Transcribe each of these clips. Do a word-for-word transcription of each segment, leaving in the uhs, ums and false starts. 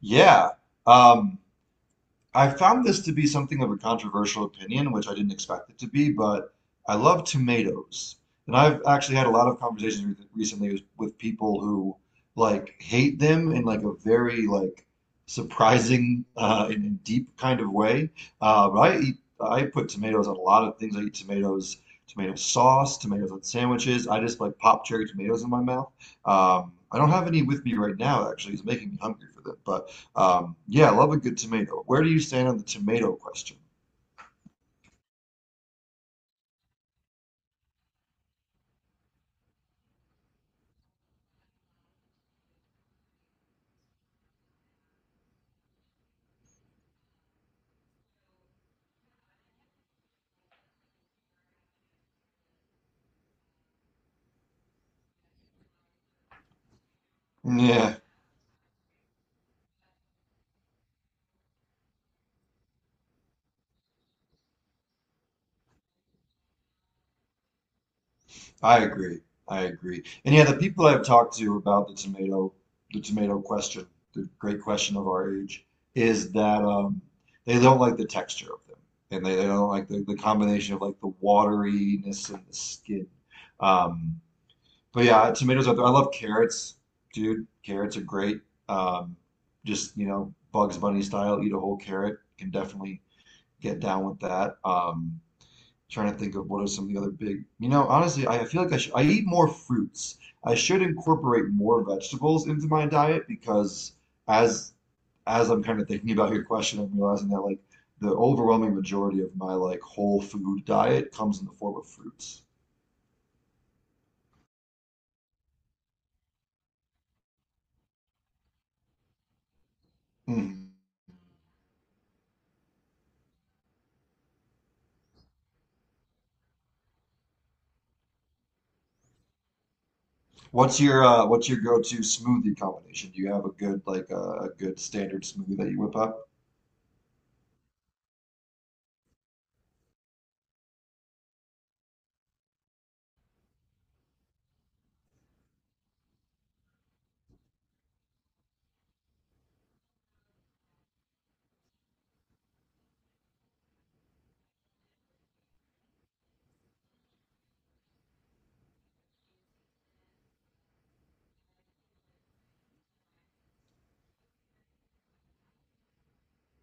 Yeah. Um, I found this to be something of a controversial opinion, which I didn't expect it to be, but I love tomatoes. And I've actually had a lot of conversations re recently with, with people who like hate them in like a very like surprising uh, and deep kind of way. Uh, but I eat I put tomatoes on a lot of things. I eat tomatoes, tomato sauce, tomatoes on sandwiches. I just like pop cherry tomatoes in my mouth. Um, I don't have any with me right now, actually. It's making me hungry for them, but um, yeah, I love a good tomato. Where do you stand on the tomato question? Yeah, I agree. I agree. And yeah, the people I've talked to about the tomato, the tomato question, the great question of our age, is that um, they don't like the texture of them, and they, they don't like the, the combination of like the wateriness and the skin. Um, but yeah, tomatoes out there. I love carrots, dude. Carrots are great. Um, just you know, Bugs Bunny style, eat a whole carrot. Can definitely get down with that. Um, trying to think of what are some of the other big, you know, honestly, I feel like I should, I eat more fruits. I should incorporate more vegetables into my diet because as as I'm kind of thinking about your question, I'm realizing that like the overwhelming majority of my like whole food diet comes in the form of fruits. Mhm. What's your uh, what's your go-to smoothie combination? Do you have a good like uh, a good standard smoothie that you whip up?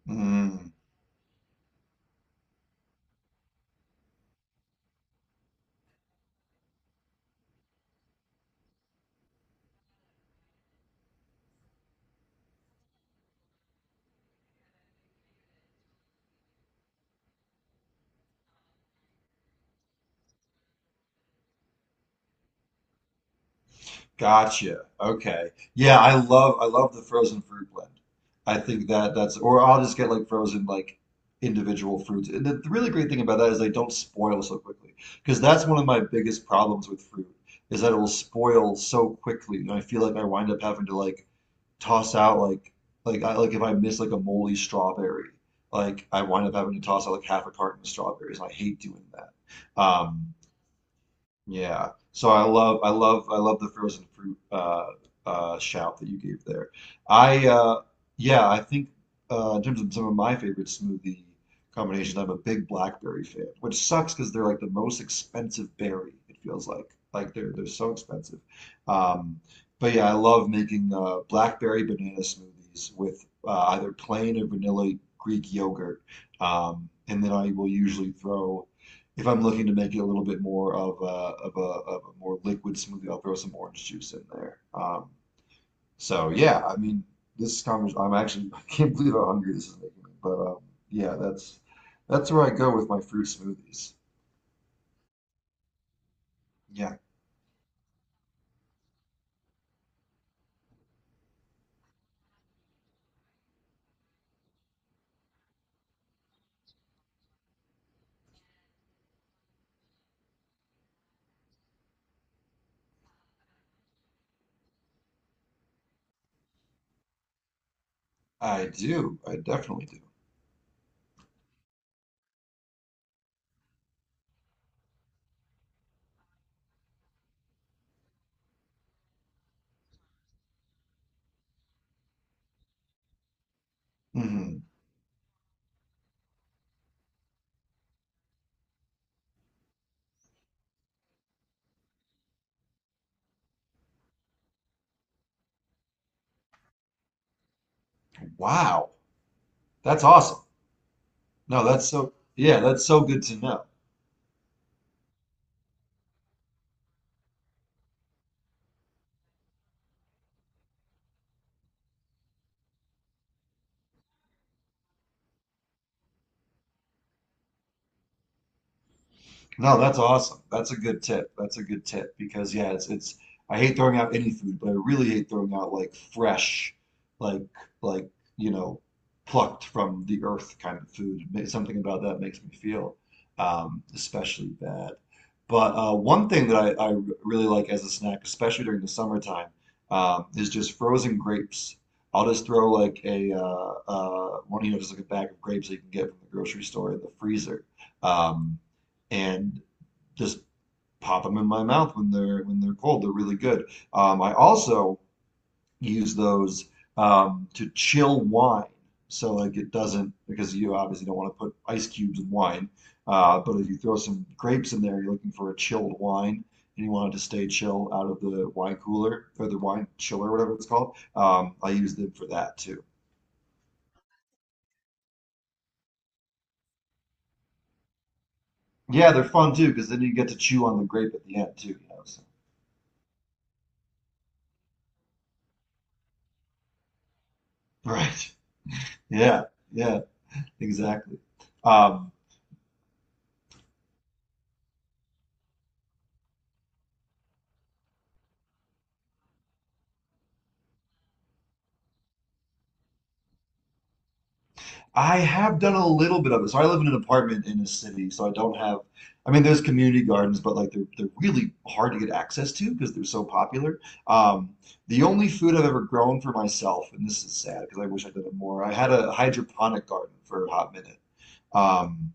Mhm. Gotcha. Okay. Yeah, I love I love the frozen fruit blend. I think that that's or I'll just get like frozen like individual fruits. And the, the really great thing about that is they don't spoil so quickly because that's one of my biggest problems with fruit is that it will spoil so quickly. And I feel like I wind up having to like toss out like like I like if I miss like a moldy strawberry, like I wind up having to toss out like half a carton of strawberries. I hate doing that. Um, yeah. So I love I love I love the frozen fruit uh uh shout that you gave there. I uh yeah, I think uh in terms of some of my favorite smoothie combinations, I'm a big blackberry fan, which sucks because they're like the most expensive berry, it feels like. Like they're they're so expensive. Um but yeah, I love making uh blackberry banana smoothies with uh, either plain or vanilla Greek yogurt. Um and then I will usually throw if I'm looking to make it a little bit more of a of a of a more liquid smoothie, I'll throw some orange juice in there. Um, so yeah, I mean, this conversation, I'm actually, I can't believe how hungry this is making me. But um, yeah, that's that's where I go with my fruit smoothies. Yeah, I do. I definitely do. Mhm. Wow, that's awesome. No, that's so. Yeah, that's so good to know. No, that's awesome. That's a good tip. That's a good tip because yeah, it's it's I hate throwing out any food, but I really hate throwing out like fresh, like like you know, plucked from the earth kind of food. Ma- Something about that makes me feel um, especially bad. But uh, one thing that I, I really like as a snack, especially during the summertime, um, is just frozen grapes. I'll just throw like a uh, uh, one, you know, just like a bag of grapes that you can get from the grocery store in the freezer. Um, and just pop them in my mouth when they're when they're cold. They're really good. Um, I also use those um, to chill wine. So like it doesn't because you obviously don't want to put ice cubes in wine. Uh, but if you throw some grapes in there, you're looking for a chilled wine and you want it to stay chill out of the wine cooler or the wine chiller, whatever it's called. Um, I use them for that too. Yeah, they're fun too because then you get to chew on the grape at the end too, you know. So. Right. Yeah. Yeah. Exactly. Um, I have done a little bit of it. So I live in an apartment in a city, so I don't have. I mean, there's community gardens, but like they're they're really hard to get access to because they're so popular. Um, the only food I've ever grown for myself, and this is sad because I wish I'd done it more. I had a hydroponic garden for a hot minute, um,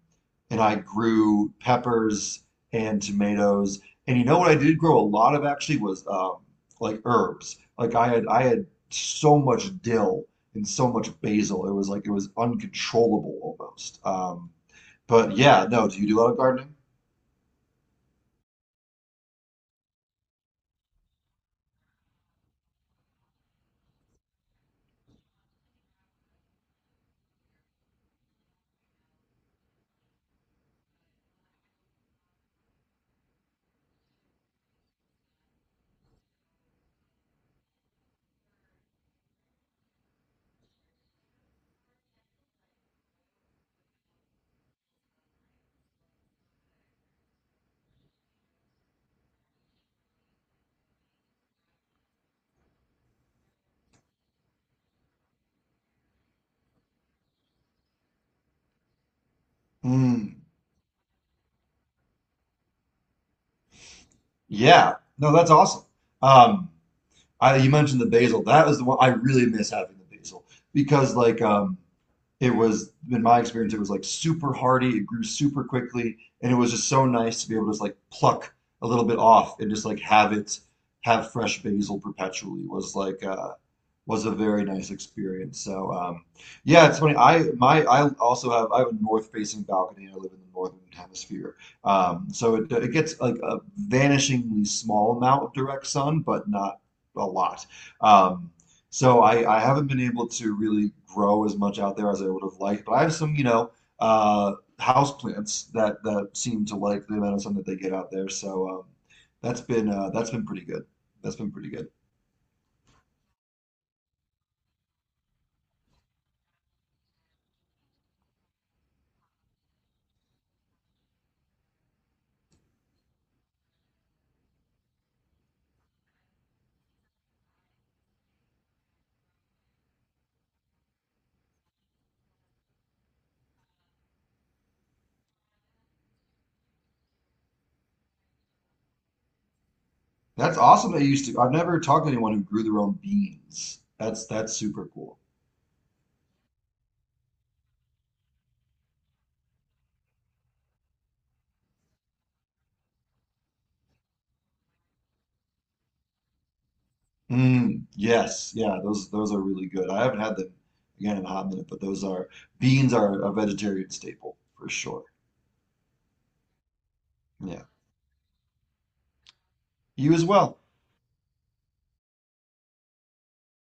and I grew peppers and tomatoes. And you know what I did grow a lot of actually was um, like herbs. Like I had I had so much dill and so much basil. It was like it was uncontrollable almost. Um, but yeah, no, do you do a lot of gardening? Mm, yeah. No, that's awesome. Um, I, you mentioned the basil. That was the one I really miss having the basil because like um, it was in my experience it was like super hardy. It grew super quickly, and it was just so nice to be able to just like pluck a little bit off and just like have it have fresh basil perpetually was like uh, was a very nice experience. So um, yeah, it's funny. I my I also have I have a north facing balcony. I live in the northern hemisphere, um, so it it gets like a vanishingly small amount of direct sun, but not a lot. Um, so I I haven't been able to really grow as much out there as I would have liked. But I have some you know uh, house plants that that seem to like the amount of sun that they get out there. So um, that's been uh, that's been pretty good. That's been pretty good. That's awesome that you used to. I've never talked to anyone who grew their own beans. That's that's super cool. Mm, yes, yeah, those those are really good. I haven't had them again in a hot minute, but those are beans are a vegetarian staple for sure. Yeah. You as well.